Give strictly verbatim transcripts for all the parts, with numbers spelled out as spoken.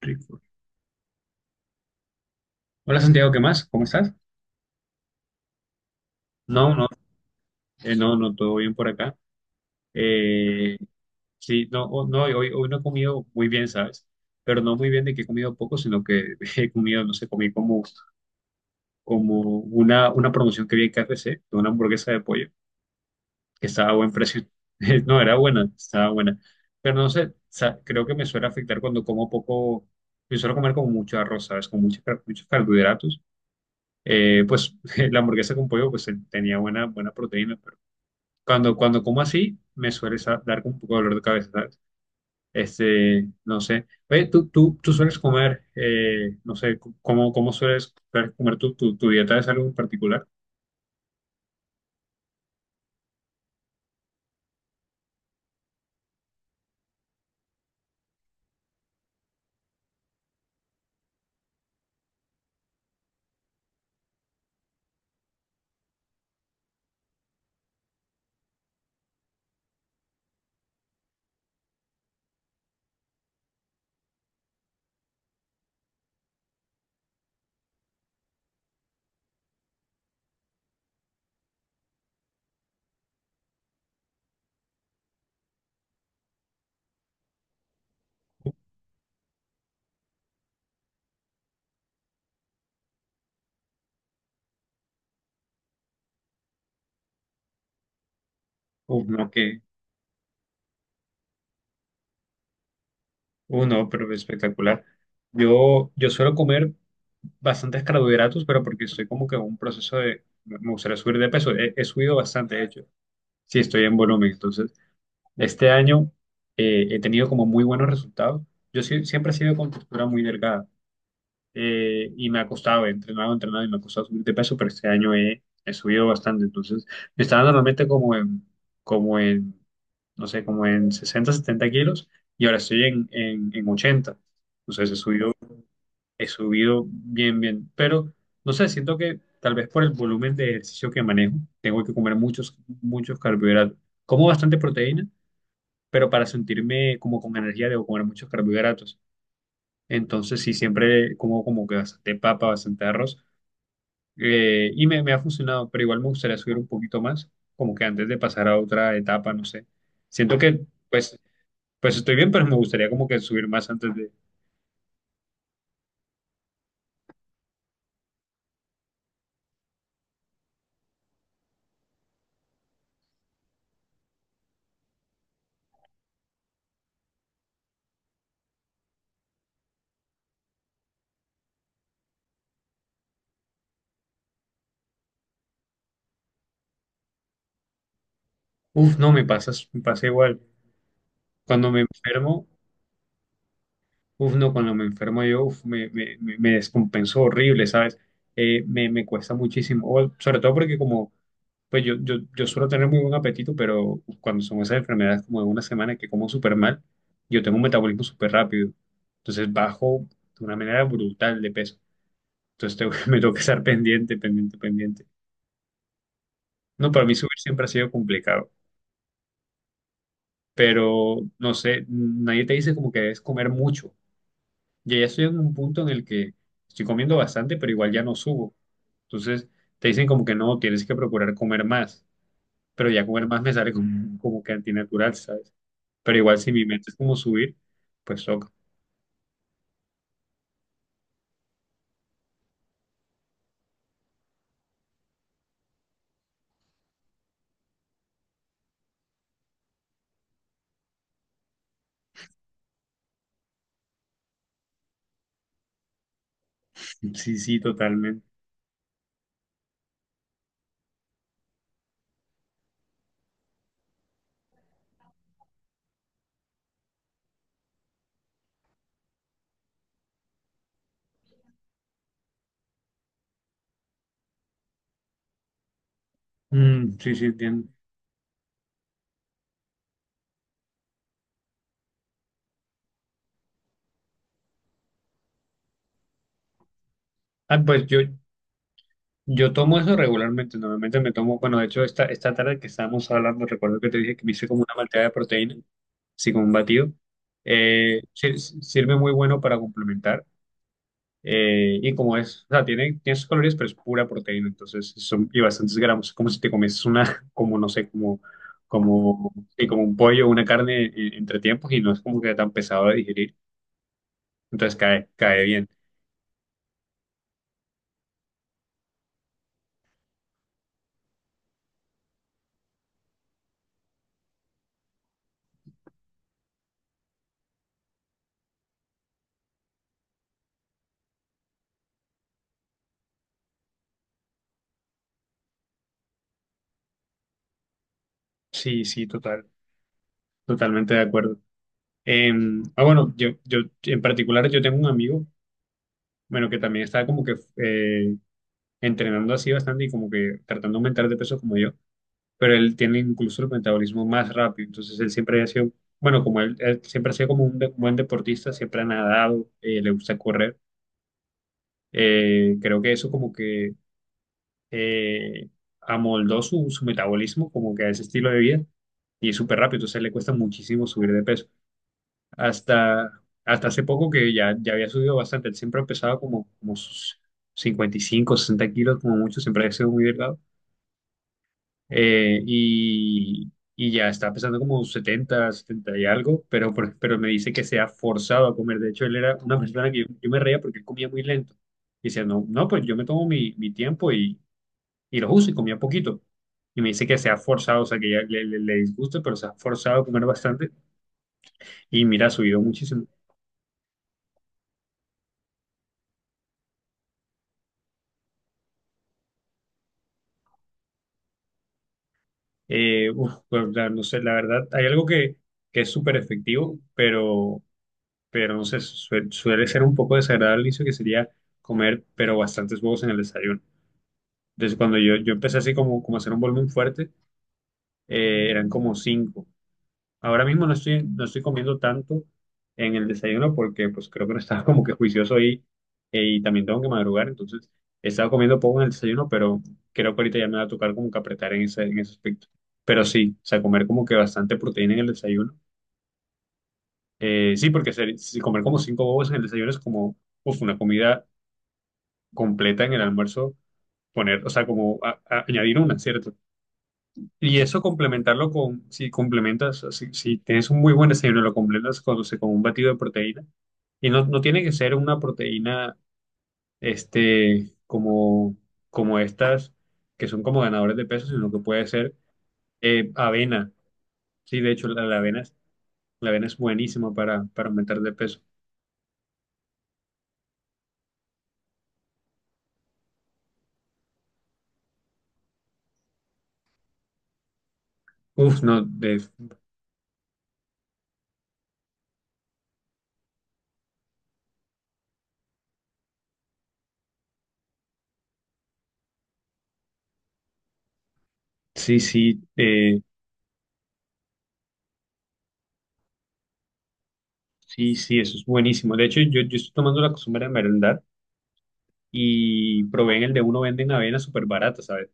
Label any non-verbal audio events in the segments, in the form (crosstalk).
Rico. Hola Santiago, ¿qué más? ¿Cómo estás? No, no, eh, no, no, todo bien por acá. Eh, sí, no, ho- no, hoy, hoy no he comido muy bien, ¿sabes? Pero no muy bien de que he comido poco, sino que (laughs) he comido, no sé, comí como, como una, una promoción que vi en K F C de una hamburguesa de pollo, que estaba a buen precio. (laughs) No, era buena, estaba buena. Pero no sé, sa- creo que me suele afectar cuando como poco. Yo suelo comer como mucho arroz, ¿sabes? Con muchos, car- muchos carbohidratos. Eh, pues (laughs) la hamburguesa con pollo pues tenía buena, buena proteína. Cuando, cuando como así, me suele sa- dar un poco de dolor de cabeza, ¿sabes? Este, no sé. Oye, tú, tú, tú sueles comer, eh, no sé, c- ¿cómo, cómo sueles comer tu, tu, tu dieta? ¿Es algo en particular? Uf, no, que, uh, no, pero espectacular. Yo, yo suelo comer bastantes carbohidratos, pero porque estoy como que en un proceso de, me me gustaría subir de peso. He, he subido bastante, de hecho. Sí, estoy en volumen. Entonces, este año eh, he tenido como muy buenos resultados. Yo sí- siempre he sido con textura muy delgada. Eh, y me ha costado, he entrenado, entrenado y me ha costado subir de peso, pero este año he, he subido bastante. Entonces, me estaba normalmente como en, como en, no sé, como en sesenta setenta kilos, y ahora estoy en, en, en ochenta. Entonces, he subido, he subido bien, bien. Pero no sé, siento que tal vez por el volumen de ejercicio que manejo, tengo que comer muchos, muchos carbohidratos. Como bastante proteína, pero para sentirme como con energía debo comer muchos carbohidratos. Entonces, sí, siempre como como que bastante papa, bastante arroz. Eh, y me, me ha funcionado, pero igual me gustaría subir un poquito más, como que antes de pasar a otra etapa, no sé. Siento que, pues, pues estoy bien, pero me gustaría como que subir más antes de... Uf, no, me pasa, me pasa igual. Cuando me enfermo, uf, no, cuando me enfermo yo, uf, me, me, me me descompenso horrible, ¿sabes? Eh, me, me cuesta muchísimo, o- sobre todo porque como. Pues yo, yo, yo suelo tener muy buen apetito, pero cuando son esas enfermedades como de una semana que como súper mal, yo tengo un metabolismo súper rápido. Entonces bajo de una manera brutal de peso. Entonces tengo que- (laughs) me tengo que estar pendiente, pendiente, pendiente. No, para mí subir siempre ha sido complicado. Pero no sé, nadie te dice como que debes comer mucho. Ya ya estoy en un punto en el que estoy comiendo bastante, pero igual ya no subo. Entonces te dicen como que no, tienes que procurar comer más. Pero ya comer más me sale como, como que antinatural, ¿sabes? Pero igual si mi meta es como subir, pues toca. Sí, sí, totalmente. Mm, sí, sí, entiendo. Ah, pues yo, yo tomo eso regularmente. Normalmente me tomo, bueno, de hecho esta, esta tarde que estábamos hablando, recuerdo que te dije que me hice como una malteada de proteína, así como un batido. Eh, sir- sirve muy bueno para complementar. Eh, y como es, o sea, tiene, tiene sus calorías, pero es pura proteína, entonces son y bastantes gramos, como si te comes una, (laughs) como no sé, como, como, sí, como un pollo o una carne, eh, entre tiempos, y no es como que tan pesado de digerir. Entonces cae, cae bien. Sí, sí, total, totalmente de acuerdo. Eh, ah, bueno, yo, yo en particular yo tengo un amigo, bueno, que también está como que eh, entrenando así bastante y como que tratando de aumentar de peso como yo. Pero él tiene incluso el metabolismo más rápido. Entonces él siempre ha sido, bueno, como él, él siempre ha sido como un de- buen deportista, siempre ha nadado, eh, le gusta correr. Eh, creo que eso como que eh, amoldó su, su metabolismo como que a ese estilo de vida, y es súper rápido. Entonces le cuesta muchísimo subir de peso. Hasta, hasta hace poco que ya, ya había subido bastante, él siempre ha pesado como, como sus cincuenta y cinco, sesenta kilos como mucho. Siempre ha sido muy delgado. Eh, y y, ya está pesando como setenta setenta y algo, pero, por- pero me dice que se ha forzado a comer. De hecho, él era una persona que yo, yo me reía porque él comía muy lento. Y decía, no, no, pues yo me tomo mi, mi tiempo y, y los uso y comía poquito. Y me dice que se ha forzado, o sea, que ya le, le, le disgusta, pero se ha forzado a comer bastante. Y mira, ha subido muchísimo. Eh, uf, pues, la- no sé, la verdad, hay algo que, que es súper efectivo, pero pero no sé, suel- suele ser un poco desagradable al inicio que sería comer, pero bastantes huevos en el desayuno. Entonces, cuando yo, yo empecé así como, como a hacer un volumen fuerte, eh, eran como cinco. Ahora mismo no estoy, no estoy comiendo tanto en el desayuno porque pues creo que no estaba como que juicioso, y, y también tengo que madrugar. Entonces he estado comiendo poco en el desayuno, pero creo que ahorita ya me va a tocar como que apretar en ese, en ese aspecto. Pero sí, o sea, comer como que bastante proteína en el desayuno. Eh, sí, porque ser- si comer como cinco huevos en el desayuno es como, uf, una comida completa en el almuerzo poner, o sea, como a- a- añadir una, ¿cierto? Y eso complementarlo con, si complementas, si, si tienes un muy buen desayuno, lo completas con, o sea, con un batido de proteína. Y no, no tiene que ser una proteína, este, como, como estas, que son como ganadores de peso, sino que puede ser eh, avena. Sí, de hecho, la, la avena es, la avena es buenísima para, para aumentar de peso. Uf, no, de, sí, sí, eh, sí, sí, eso es buenísimo. De hecho, yo, yo estoy tomando la costumbre de merendar, y proveen el de uno, venden avena súper barata, ¿sabes?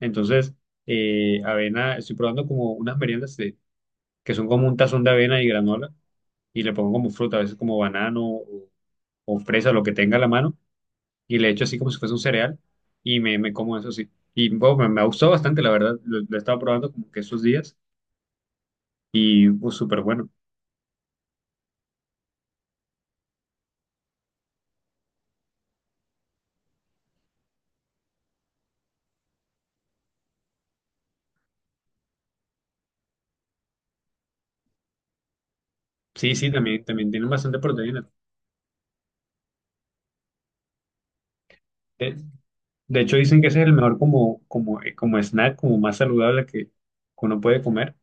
Entonces, eh, avena, estoy probando como unas meriendas de- que son como un tazón de avena y granola, y le pongo como fruta, a veces como banano o, o fresa, lo que tenga a la mano, y le echo así como si fuese un cereal, y me, me como eso así. Y bueno, me, me ha gustado bastante, la verdad, lo, lo he estado probando como que esos días, y pues súper bueno. Sí, sí, también, también tienen bastante proteína. De, de hecho, dicen que ese es el mejor como, como, eh, como snack, como más saludable que que uno puede comer.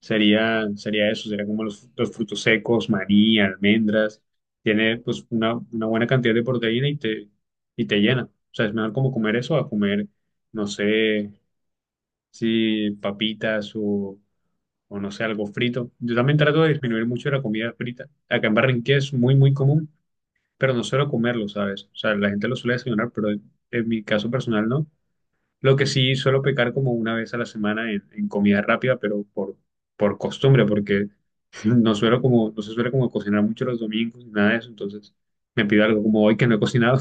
Sería, sería eso, sería como los, los frutos secos, maní, almendras. Tiene pues una, una buena cantidad de proteína y te, y te llena. O sea, es mejor como comer eso a comer, no sé, si papitas o, o no sé, algo frito. Yo también trato de disminuir mucho la comida frita. Acá en Barranquilla es muy, muy común, pero no suelo comerlo, ¿sabes? O sea, la gente lo suele desayunar, pero en, en mi caso personal no. Lo que sí suelo pecar como una vez a la semana en, en comida rápida, pero por, por costumbre, porque no suelo como, no se suele como cocinar mucho los domingos, nada de eso. Entonces me pido algo como hoy que no he cocinado,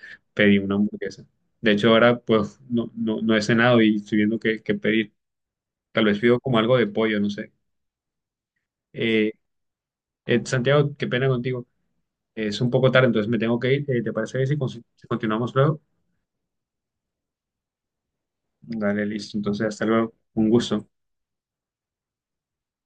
(laughs) pedí una hamburguesa. De hecho, ahora pues no, no, no he cenado y estoy viendo qué, qué pedir. Tal vez pido como algo de pollo, no sé. Eh, eh, Santiago, qué pena contigo. Es un poco tarde, entonces me tengo que ir. Eh, ¿te parece bien si con- si continuamos luego? Dale, listo. Entonces, hasta luego. Un gusto.